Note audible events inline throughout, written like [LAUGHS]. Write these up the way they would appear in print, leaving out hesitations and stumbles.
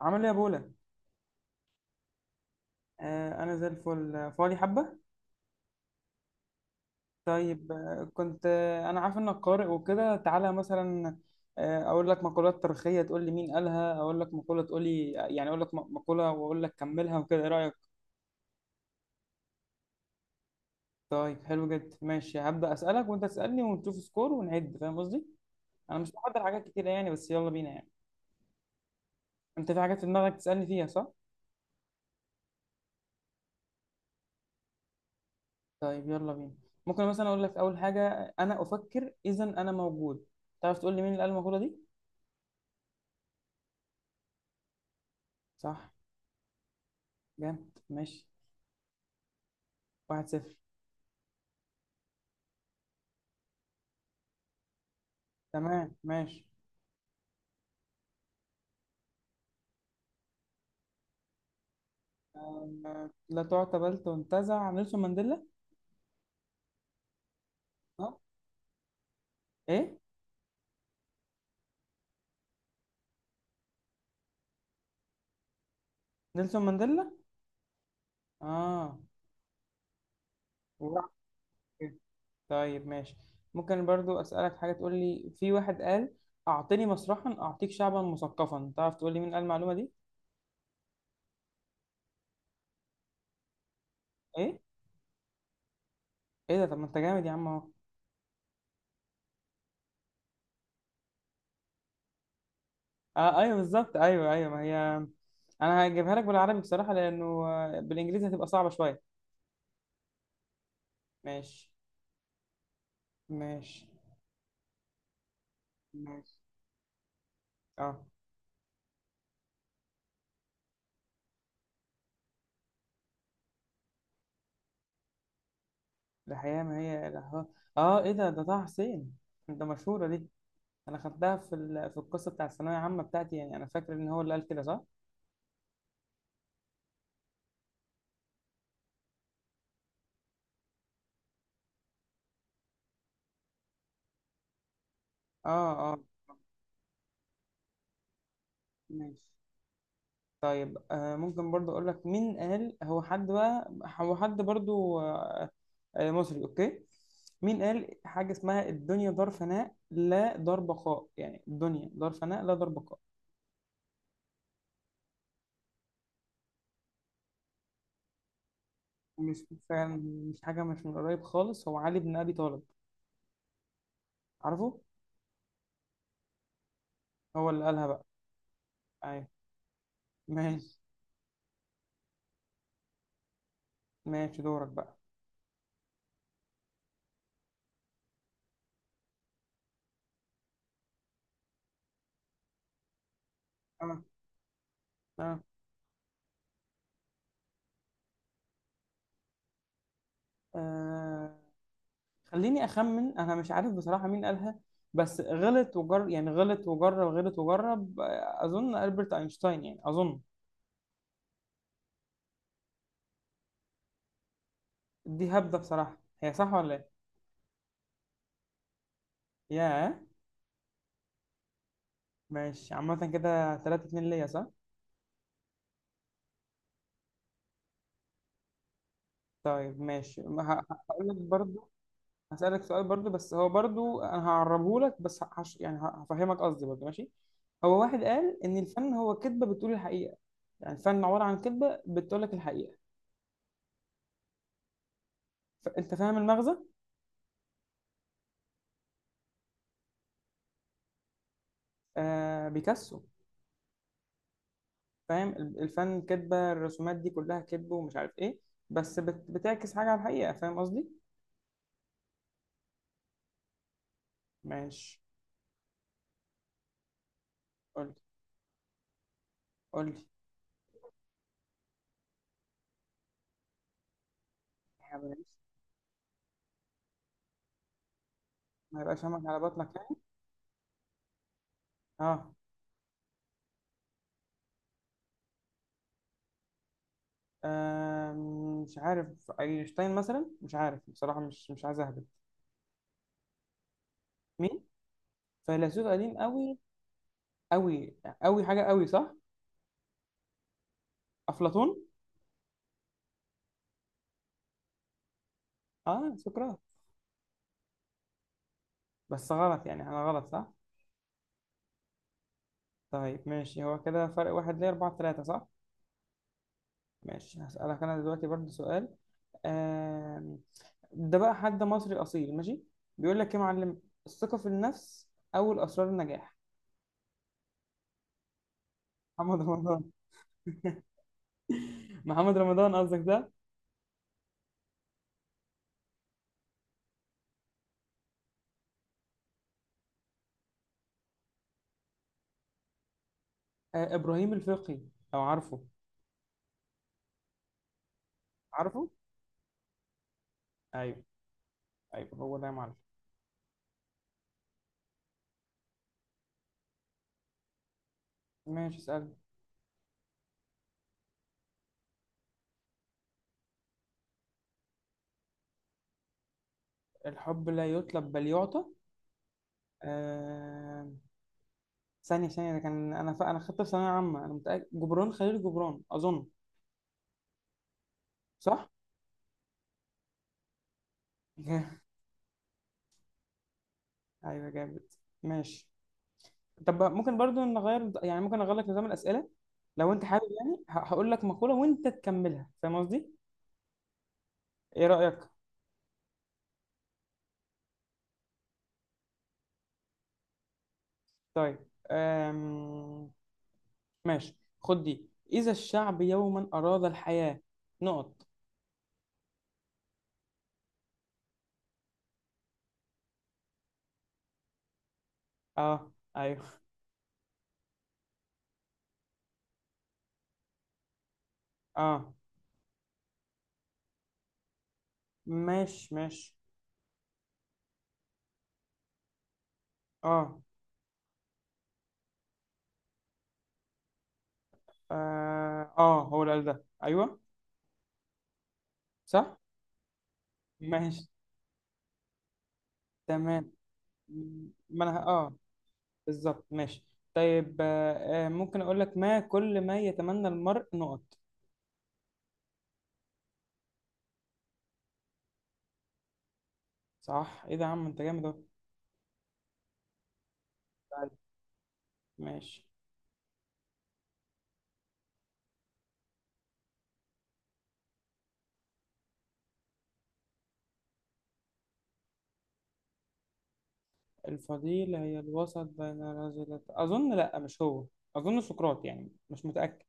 عامل ايه يا بولا. آه انا زي الفل، فاضي حبه. طيب، كنت، انا عارف انك قارئ وكده. تعالى مثلا اقول لك مقولات تاريخيه تقول لي مين قالها. اقول لك مقوله تقول لي، يعني اقول لك مقوله واقول لك كملها وكده، ايه رايك؟ طيب حلو جدا، ماشي. هبدا اسالك وانت تسالني ونشوف سكور ونعد، فاهم قصدي. انا مش محضر حاجات كتيره يعني، بس يلا بينا يعني. انت في حاجات في دماغك تسالني فيها، صح؟ طيب يلا بينا. ممكن مثلا اقول لك اول حاجه: انا افكر اذا انا موجود. تعرف تقول لي مين اللي قال المقوله دي؟ صح، جامد، ماشي. واحد صفر. تمام ماشي. آه، لا تعتبلت وانتزع، نيلسون مانديلا. اه، ايه، نيلسون مانديلا. اه، وراح فين؟ طيب ماشي. ممكن برضو اسالك حاجه، تقول لي في واحد قال: اعطني مسرحا اعطيك شعبا مثقفا. تعرف تقول لي مين قال المعلومه دي؟ ايه، ايه ده؟ طب ما انت جامد يا عم اهو. آه ايوه بالظبط، ايوه ايوه ما هي. انا هجيبها لك بالعربي بصراحه، لانه بالانجليزي هتبقى صعبه شويه. ماشي ماشي ماشي. اه، الحقيقة ما هي الأهوال. اه ايه ده، ده طه حسين. ده مشهورة دي. انا خدتها في ال... في القصة بتاع الثانوية العامة بتاعتي يعني، انا فاكر ان هو اللي قال كده، صح؟ اه اه، ماشي. طيب آه، ممكن برضو اقول لك: مين قال؟ هو حد بقى، هو حد برضو آه، آه مصري، اوكي. مين قال حاجة اسمها الدنيا دار فناء لا دار بقاء؟ يعني الدنيا دار فناء لا دار بقاء. مش فعلا، مش حاجة مش من قريب خالص. هو علي بن أبي طالب، عارفه؟ هو اللي قالها بقى. ايوه ماشي. ماشي دورك بقى. اه اه، آه، خليني اخمن. انا مش عارف بصراحة مين قالها، بس غلط وجر يعني غلط وجرب، غلط وجرب. اظن البرت اينشتاين يعني، اظن. دي هبدة بصراحة، هي صح ولا ايه؟ ياه ماشي. عامة كده 3 2 ليا، صح؟ طيب ماشي هقول لك برضو. هسألك سؤال برضو، بس هو برضو انا هعربه لك بس هش يعني، هفهمك قصدي برضو، ماشي. هو واحد قال ان الفن هو كذبة بتقول الحقيقة، يعني الفن عبارة عن كذبة بتقول لك الحقيقة. انت فاهم المغزى؟ آه بيكاسو. فاهم، الفن كدبه، الرسومات دي كلها كدب ومش عارف ايه، بس بت... بتعكس حاجه على الحقيقه، فاهم قصدي؟ ماشي. قول، قول لي. ما يبقاش همك على بطنك يعني. اه. آم، مش عارف، اينشتاين مثلا؟ مش عارف بصراحه، مش مش عايز اهبط. مين؟ فيلسوف قديم قوي. قوي. قوي حاجه قوي، صح؟ افلاطون. اه، سقراط. بس غلط يعني، انا غلط، صح؟ طيب ماشي، هو كده فرق واحد، ليه أربعة تلاتة، صح؟ ماشي. هسألك أنا دلوقتي برضه سؤال. آم، ده بقى حد مصري أصيل، ماشي. بيقول لك يا معلم: الثقة في النفس أول أسرار النجاح. محمد رمضان. [LAUGHS] محمد رمضان قصدك ده؟ آه، إبراهيم الفقي، لو عارفه. عارفه؟ أيوه. أيوه هو ده يا معلم. ماشي اسأل. الحب لا يطلب بل يعطى. آم، ثانية ثانية، ده كان أنا ف... أنا خدت في ثانوية عامة، أنا متأكد، جبران خليل جبران أظن. صح؟ [LAUGHS] أيوه جامد، ماشي. طب ممكن برضو نغير يعني، ممكن اغير لك نظام الاسئله، لو انت حابب يعني. هقول لك مقوله وانت تكملها، فاهم قصدي؟ ايه رايك؟ طيب أم... ماشي. خد دي: اذا الشعب يوما اراد الحياه، نقط. اه، ايوه. اه ماشي ماشي. اه, اه، هو اللي قال ده، ايوه، صح. ماشي تمام. ما انا اه بالظبط، ماشي. طيب ممكن اقول لك: ما كل ما يتمنى المرء، نقط. صح، ايه ده يا عم انت جامد اهو. طيب. ماشي. الفضيلة هي الوسط بين رجلت، أظن لأ، مش هو. أظن سقراط، يعني مش متأكد.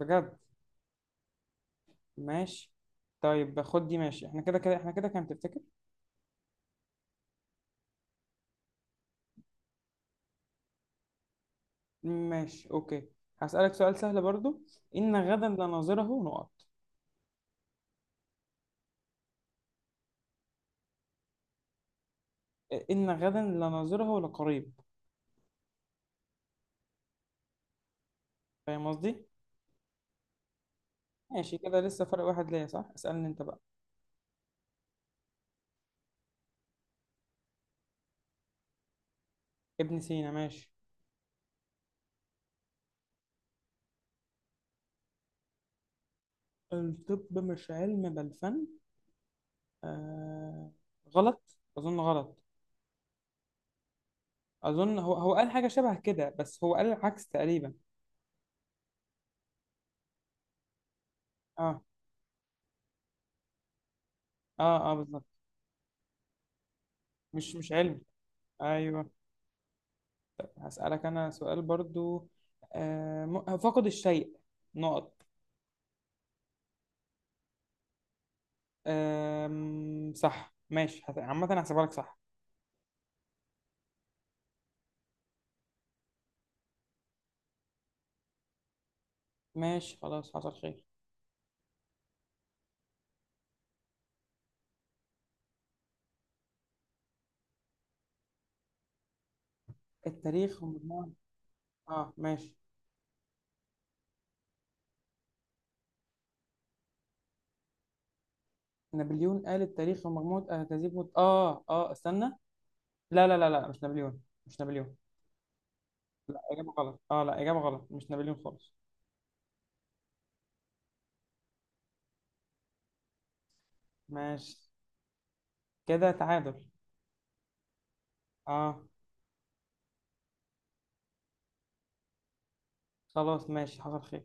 بجد؟ ماشي. طيب خد دي، ماشي. احنا كده كده احنا كده، كان تفتكر. ماشي أوكي. هسألك سؤال سهل برضو: إن غدا لناظره، نقط. إن غدا لناظره لقريب. فاهم قصدي؟ ماشي كده، لسه فرق واحد ليا، صح؟ اسألني أنت بقى. ابن سينا، ماشي. الطب مش علم بل فن. آه... غلط، أظن غلط. اظن هو، هو قال حاجه شبه كده، بس هو قال العكس تقريبا. اه اه اه بالظبط. مش مش علمي. ايوه. هسألك انا سؤال برضو. فقد الشيء، نقط. آم، صح. ماشي عامه هحسبها لك، صح. ماشي خلاص، حصل خير. التاريخ ومجموعة. اه ماشي، نابليون قال التاريخ ومجموعة اهداف مت... اه اه استنى. لا لا لا لا، مش نابليون. مش نابليون. لا، اجابه غلط. اه لا اجابه غلط، مش نابليون خالص. ماشي كده، تعادل. اه. خلاص ماشي، حصل خير.